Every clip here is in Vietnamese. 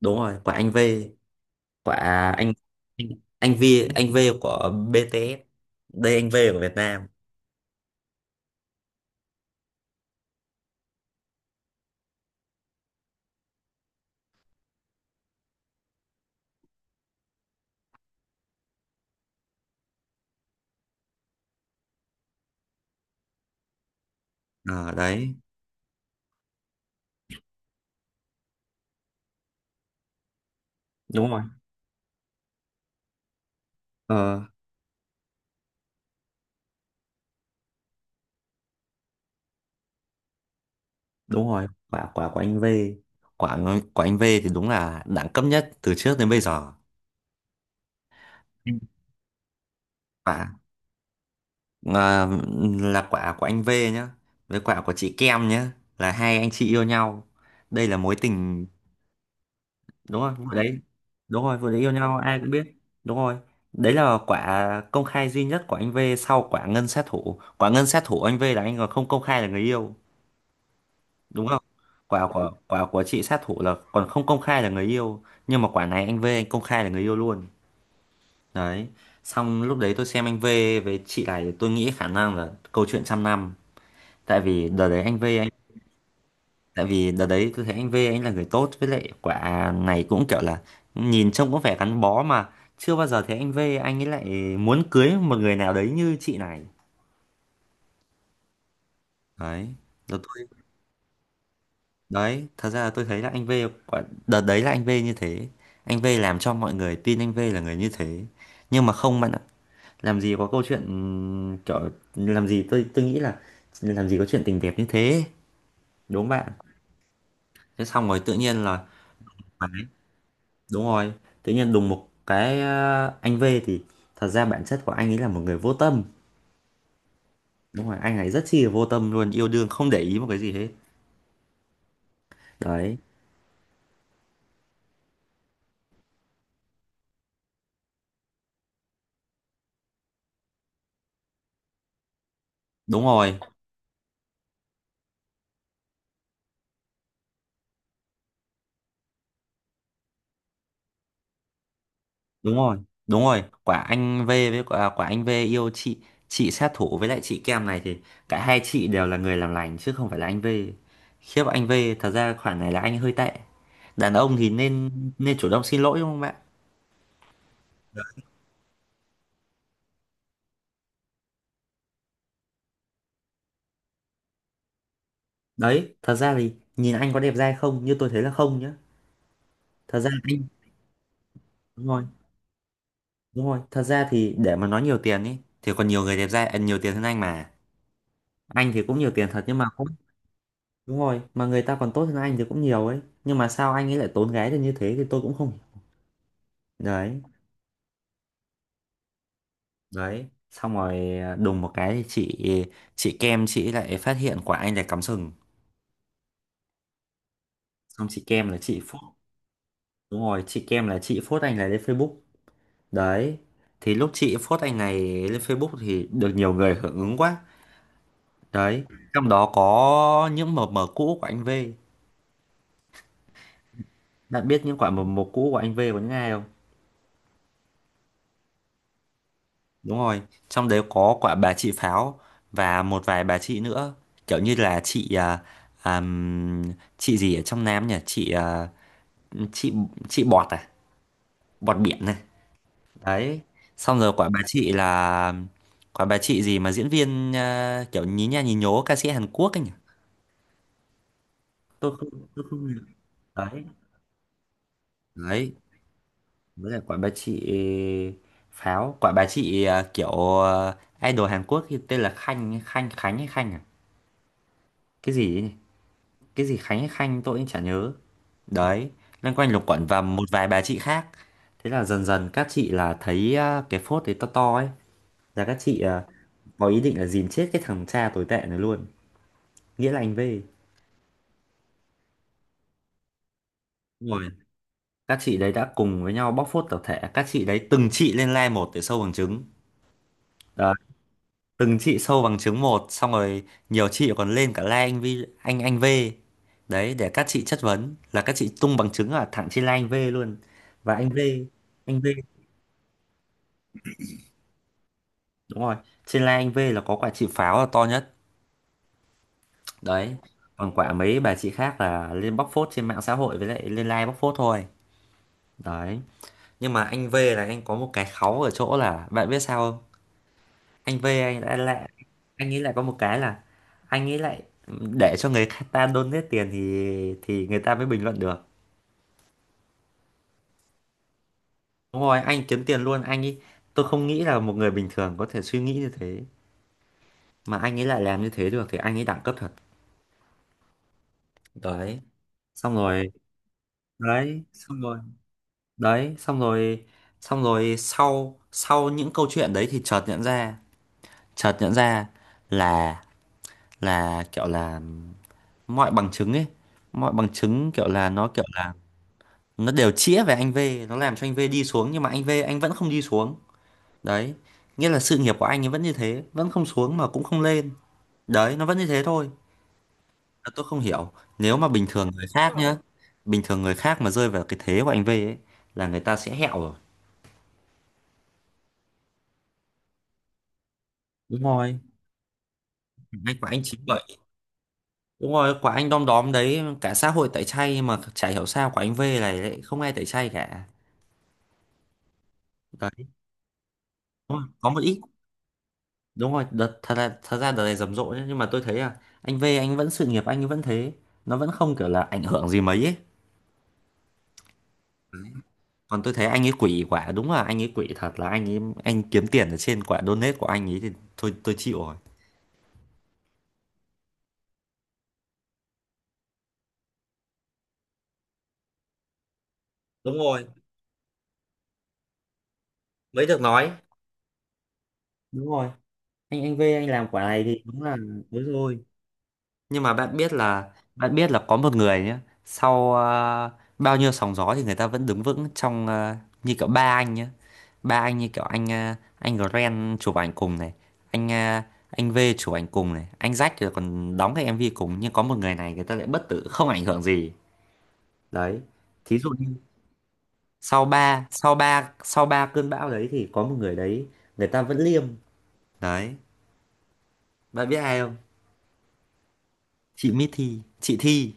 Đúng rồi, của anh V. Của anh anh V. Của BTS đây, anh V của Việt Nam. Ờ đấy. Đúng rồi. ờ Đúng rồi, quả quả của anh V. Quả của anh V thì đúng là đẳng cấp nhất từ trước đến bây giờ. Ừ. Quả, à, là quả của anh V nhá, với quả của chị Kem nhá, là hai anh chị yêu nhau, đây là mối tình. Đúng rồi vụ đấy. Đúng rồi vụ đấy yêu nhau ai cũng biết. Đúng rồi. Đấy là quả công khai duy nhất của anh V sau quả ngân sát thủ. Quả ngân sát thủ anh V là anh còn không công khai là người yêu, đúng không? Quả của chị sát thủ là còn không công khai là người yêu, nhưng mà quả này anh V anh công khai là người yêu luôn. Đấy, xong lúc đấy tôi xem anh V với chị này tôi nghĩ khả năng là câu chuyện trăm năm. tại vì đợt đấy anh V Tại vì đợt đấy tôi thấy anh V anh là người tốt, với lại quả này cũng kiểu là nhìn trông cũng vẻ gắn bó mà, chưa bao giờ thấy anh V anh ấy lại muốn cưới một người nào đấy như chị này. Đấy. Rồi tôi Đấy, thật ra là tôi thấy là anh V, quả đợt đấy là anh V như thế, anh V làm cho mọi người tin anh V là người như thế. Nhưng mà không bạn ạ, làm gì có câu chuyện, kiểu, làm gì tôi nghĩ là làm gì có chuyện tình đẹp như thế, đúng không bạn? Thế xong rồi tự nhiên là... Đúng rồi, tự nhiên đùng một cái, anh V thì thật ra bản chất của anh ấy là một người vô tâm. Đúng rồi, anh ấy rất chi là vô tâm luôn, yêu đương không để ý một cái gì hết. Đấy, đúng rồi, đúng rồi, đúng rồi. Quả anh V với quả, quả anh V yêu chị sát thủ với lại chị Kem này thì cả hai chị đều là người làm lành chứ không phải là anh V. Khiếp anh V, thật ra khoản này là anh hơi tệ. Đàn ông thì nên, chủ động xin lỗi đúng không bạn? Đấy, thật ra thì nhìn anh có đẹp trai không? Như tôi thấy là không nhá. Thật ra anh, đúng rồi. Đúng rồi, thật ra thì để mà nói nhiều tiền ý thì còn nhiều người đẹp trai à, nhiều tiền hơn anh mà. Anh thì cũng nhiều tiền thật nhưng mà cũng... đúng rồi, mà người ta còn tốt hơn anh thì cũng nhiều ấy. Nhưng mà sao anh ấy lại tốn gái được như thế thì tôi cũng không hiểu. Đấy, đấy. Xong rồi à, đùng một cái thì chị Kem chị lại phát hiện quả anh là cắm sừng. Xong chị Kem là chị phốt. Đúng rồi, chị Kem là chị phốt anh này lên Facebook. Đấy. Thì lúc chị phốt anh này lên Facebook thì được nhiều người hưởng ứng quá. Đấy, trong đó có những mờ mờ cũ của anh V. Bạn biết những quả mầm mống cũ của anh V có những ai không? Đúng rồi, trong đấy có quả bà chị Pháo và một vài bà chị nữa. Kiểu như là chị à, àm, chị gì ở trong Nam nhỉ? Chị à, chị chị Bọt à? Bọt biển này. Đấy. Xong rồi quả bà chị là quả bà chị gì mà diễn viên à, kiểu nhí nha nhí nhố ca sĩ Hàn Quốc ấy nhỉ? Tôi không... đấy. Đấy, với lại quả bà chị Pháo, quả bà chị à, kiểu à, idol Hàn Quốc thì tên là Khanh Khanh Khánh hay Khanh à? Cái gì ấy nhỉ? Cái gì Khánh hay Khanh tôi cũng chả nhớ. Đấy, loanh quanh lục quận và một vài bà chị khác. Thế là dần dần các chị là thấy à, cái phốt đấy to to ấy, là các chị à, có ý định là dìm chết cái thằng cha tồi tệ này luôn, nghĩa là anh V. Đúng rồi, các chị đấy đã cùng với nhau bóc phốt tập thể. Các chị đấy từng chị lên like một để sâu bằng chứng. Đấy, từng chị sâu bằng chứng một xong rồi nhiều chị còn lên cả like anh V, anh V. Đấy, để các chị chất vấn là các chị tung bằng chứng ở thẳng trên like anh V luôn. Và anh V Đúng rồi, trên Lai Anh V là có quả chịu pháo là to nhất. Đấy. Còn quả mấy bà chị khác là lên bóc phốt trên mạng xã hội với lại lên live bóc phốt thôi. Đấy. Nhưng mà anh V là anh có một cái kháu ở chỗ là bạn biết sao không? Anh V anh đã lại anh nghĩ lại có một cái là, anh nghĩ lại để cho người ta donate tiền thì người ta mới bình luận được. Đúng rồi, anh kiếm tiền luôn anh ý. Tôi không nghĩ là một người bình thường có thể suy nghĩ như thế mà anh ấy lại làm như thế được thì anh ấy đẳng cấp thật. Đấy. Xong rồi. Đấy, xong rồi, đấy xong rồi, xong rồi sau sau những câu chuyện đấy thì chợt nhận ra, chợt nhận ra là là kiểu là mọi bằng chứng ấy, mọi bằng chứng kiểu là nó đều chĩa về anh V, nó làm cho anh V đi xuống nhưng mà anh V anh vẫn không đi xuống. Đấy, nghĩa là sự nghiệp của anh ấy vẫn như thế, vẫn không xuống mà cũng không lên. Đấy, nó vẫn như thế thôi. Là tôi không hiểu. Nếu mà bình thường người khác nhá, bình thường người khác mà rơi vào cái thế của anh V ấy là người ta sẽ hẹo rồi. Đúng rồi, anh của anh chín. Đúng rồi, quả anh đom đóm đấy, cả xã hội tẩy chay mà chả hiểu sao quả anh V này lại không ai tẩy chay cả. Đấy, đúng rồi, có một ít, đúng rồi, đợt, thật là thật ra đợt này rầm rộ nhá, nhưng mà tôi thấy là anh V anh vẫn sự nghiệp anh ấy vẫn thế, nó vẫn không kiểu là ảnh hưởng gì mấy ấy. Còn tôi thấy anh ấy quỷ quả, đúng là anh ấy quỷ thật là anh ấy, anh kiếm tiền ở trên quả donate của anh ấy thì thôi tôi chịu rồi. Đúng rồi, mới được nói. Đúng rồi, anh V anh làm quả này thì đúng là... đúng rồi. Nhưng mà bạn biết là, có một người nhé, sau bao nhiêu sóng gió thì người ta vẫn đứng vững trong, như kiểu ba anh nhé, ba anh như kiểu anh, anh Ren chụp ảnh cùng này, anh, anh V chụp ảnh cùng này, anh Jack thì còn đóng cái MV cùng, nhưng có một người này người ta lại bất tử không ảnh hưởng gì. Đấy, thí dụ như, sau ba cơn bão đấy thì có một người đấy người ta vẫn liêm. Đấy, bạn biết ai không? Chị Mithy, chị Thi.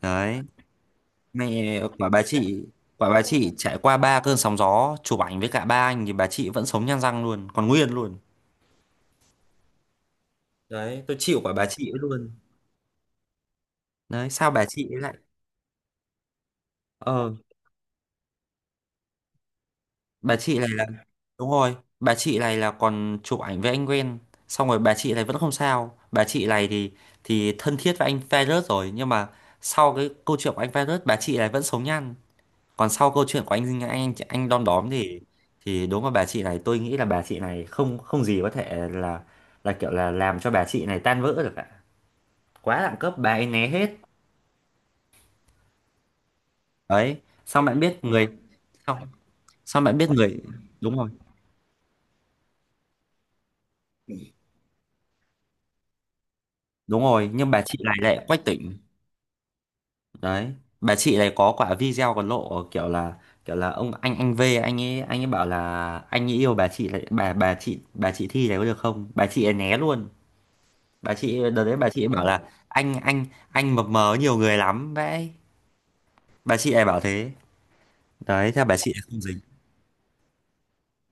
Đấy, mẹ quả bà chị. Quả bà chị trải qua ba cơn sóng gió chụp ảnh với cả ba anh thì bà chị vẫn sống nhăn răng luôn, còn nguyên luôn. Đấy, tôi chịu quả bà chị ấy luôn. Đấy, sao bà chị ấy lại... ờ bà chị này là, đúng rồi bà chị này là còn chụp ảnh với anh quen, xong rồi bà chị này vẫn không sao. Bà chị này thì thân thiết với anh virus rồi, nhưng mà sau cái câu chuyện của anh virus bà chị này vẫn sống nhăn. Còn sau câu chuyện của anh đom đóm thì, đúng là bà chị này, tôi nghĩ là bà chị này không, không gì có thể là kiểu là làm cho bà chị này tan vỡ được cả. Quá đẳng cấp, bà ấy né hết. Đấy. Xong bạn biết người xong xong bạn biết người, đúng rồi. Đúng rồi, nhưng bà chị này lại quách tỉnh. Đấy. Bà chị này có quả video còn lộ kiểu là, kiểu là ông anh V anh ấy, bảo là anh ấy yêu bà chị này, bà, bà chị Thi này có được không, bà chị ấy né luôn. Bà chị đợt đấy bà chị bảo là, anh mập mờ nhiều người lắm vậy, bà chị ấy bảo thế. Đấy, theo bà chị ấy không dính.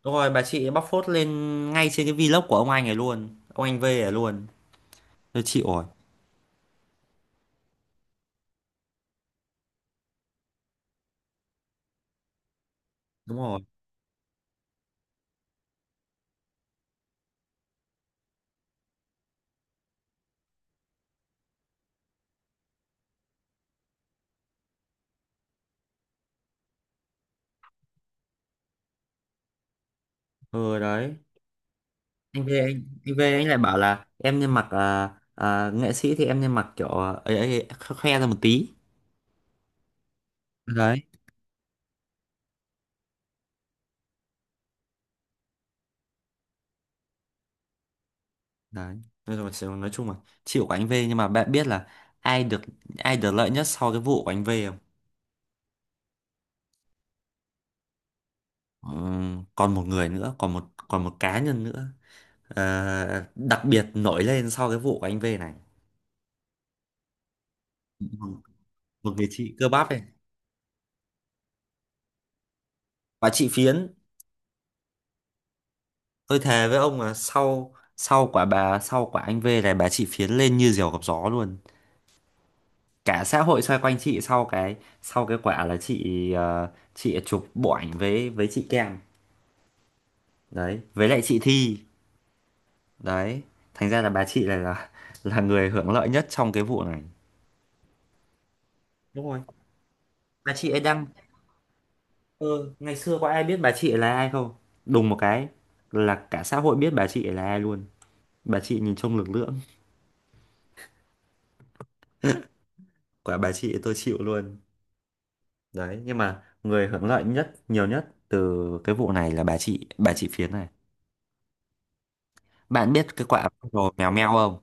Đúng rồi, bà chị ấy bóc phốt lên ngay trên cái vlog của ông anh ấy luôn, ông anh V ấy luôn. Tôi chịu rồi. Đúng rồi. Ừ đấy. Anh V anh lại bảo là em nên mặc, nghệ sĩ thì em nên mặc kiểu, à, ấy, ấy, khoe ra một tí. Đấy, đấy. Nói chung là, chịu của anh V. Nhưng mà bạn biết là ai được, lợi nhất sau cái vụ của anh V? Ờ, còn một người nữa, còn một, cá nhân nữa, ờ, đặc biệt nổi lên sau cái vụ của anh V này. Một, người chị cơ bắp này. Bà chị Phiến. Tôi thề với ông là sau, quả anh V này bà chị Phiến lên như diều gặp gió luôn. Cả xã hội xoay quanh chị, sau cái, sau cái quả là chị, chị chụp bộ ảnh với chị Kem. Đấy, với lại chị Thi. Đấy, thành ra là bà chị này là người hưởng lợi nhất trong cái vụ này. Đúng rồi, bà chị ấy đăng... Ừ, ngày xưa có ai biết bà chị là ai không? Đùng một cái là cả xã hội biết bà chị là ai luôn. Bà chị nhìn trông lực lưỡng, quả bà chị tôi chịu luôn. Đấy, nhưng mà người hưởng lợi nhất, nhiều nhất từ cái vụ này là bà chị Phiến này. Bạn biết cái quả rồi mèo meo không?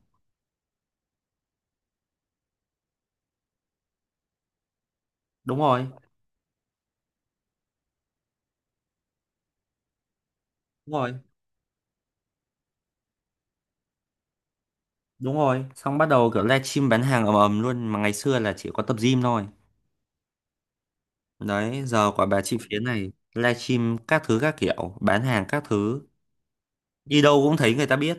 Đúng rồi, đúng rồi, đúng rồi. Xong bắt đầu kiểu livestream bán hàng ầm ầm luôn mà ngày xưa là chỉ có tập gym thôi. Đấy, giờ quả bà chị Phiến này livestream các thứ các kiểu, bán hàng các thứ, đi đâu cũng thấy người ta biết.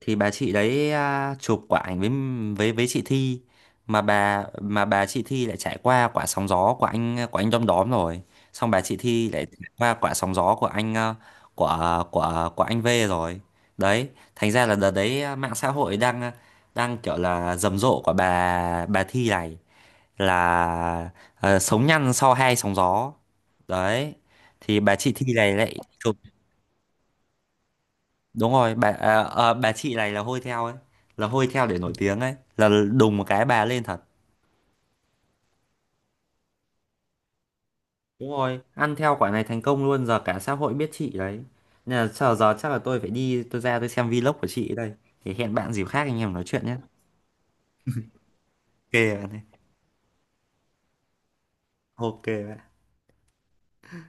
Thì bà chị đấy à, chụp quả ảnh với, với chị Thi, mà bà chị Thi lại trải qua quả sóng gió của của anh Đom Đóm rồi. Xong bà chị Thi lại trải qua quả sóng gió của anh à, của anh V rồi. Đấy, thành ra là đợt đấy à, mạng xã hội đang à, đang kiểu là rầm rộ của bà Thi này là, sống nhăn sau hai sóng gió. Đấy, thì bà chị Thi này lại chụp... Đúng rồi, bà, bà chị này là hôi theo ấy, là hôi theo để nổi tiếng ấy, là đùng một cái bà lên thật. Đúng rồi, ăn theo quả này thành công luôn, giờ cả xã hội biết chị đấy. Nên là giờ, giờ chắc là tôi phải đi, tôi ra tôi xem vlog của chị đây. Thì hẹn bạn dịp khác anh em nói chuyện nhé. Ok bạn ơi. Ok bạn.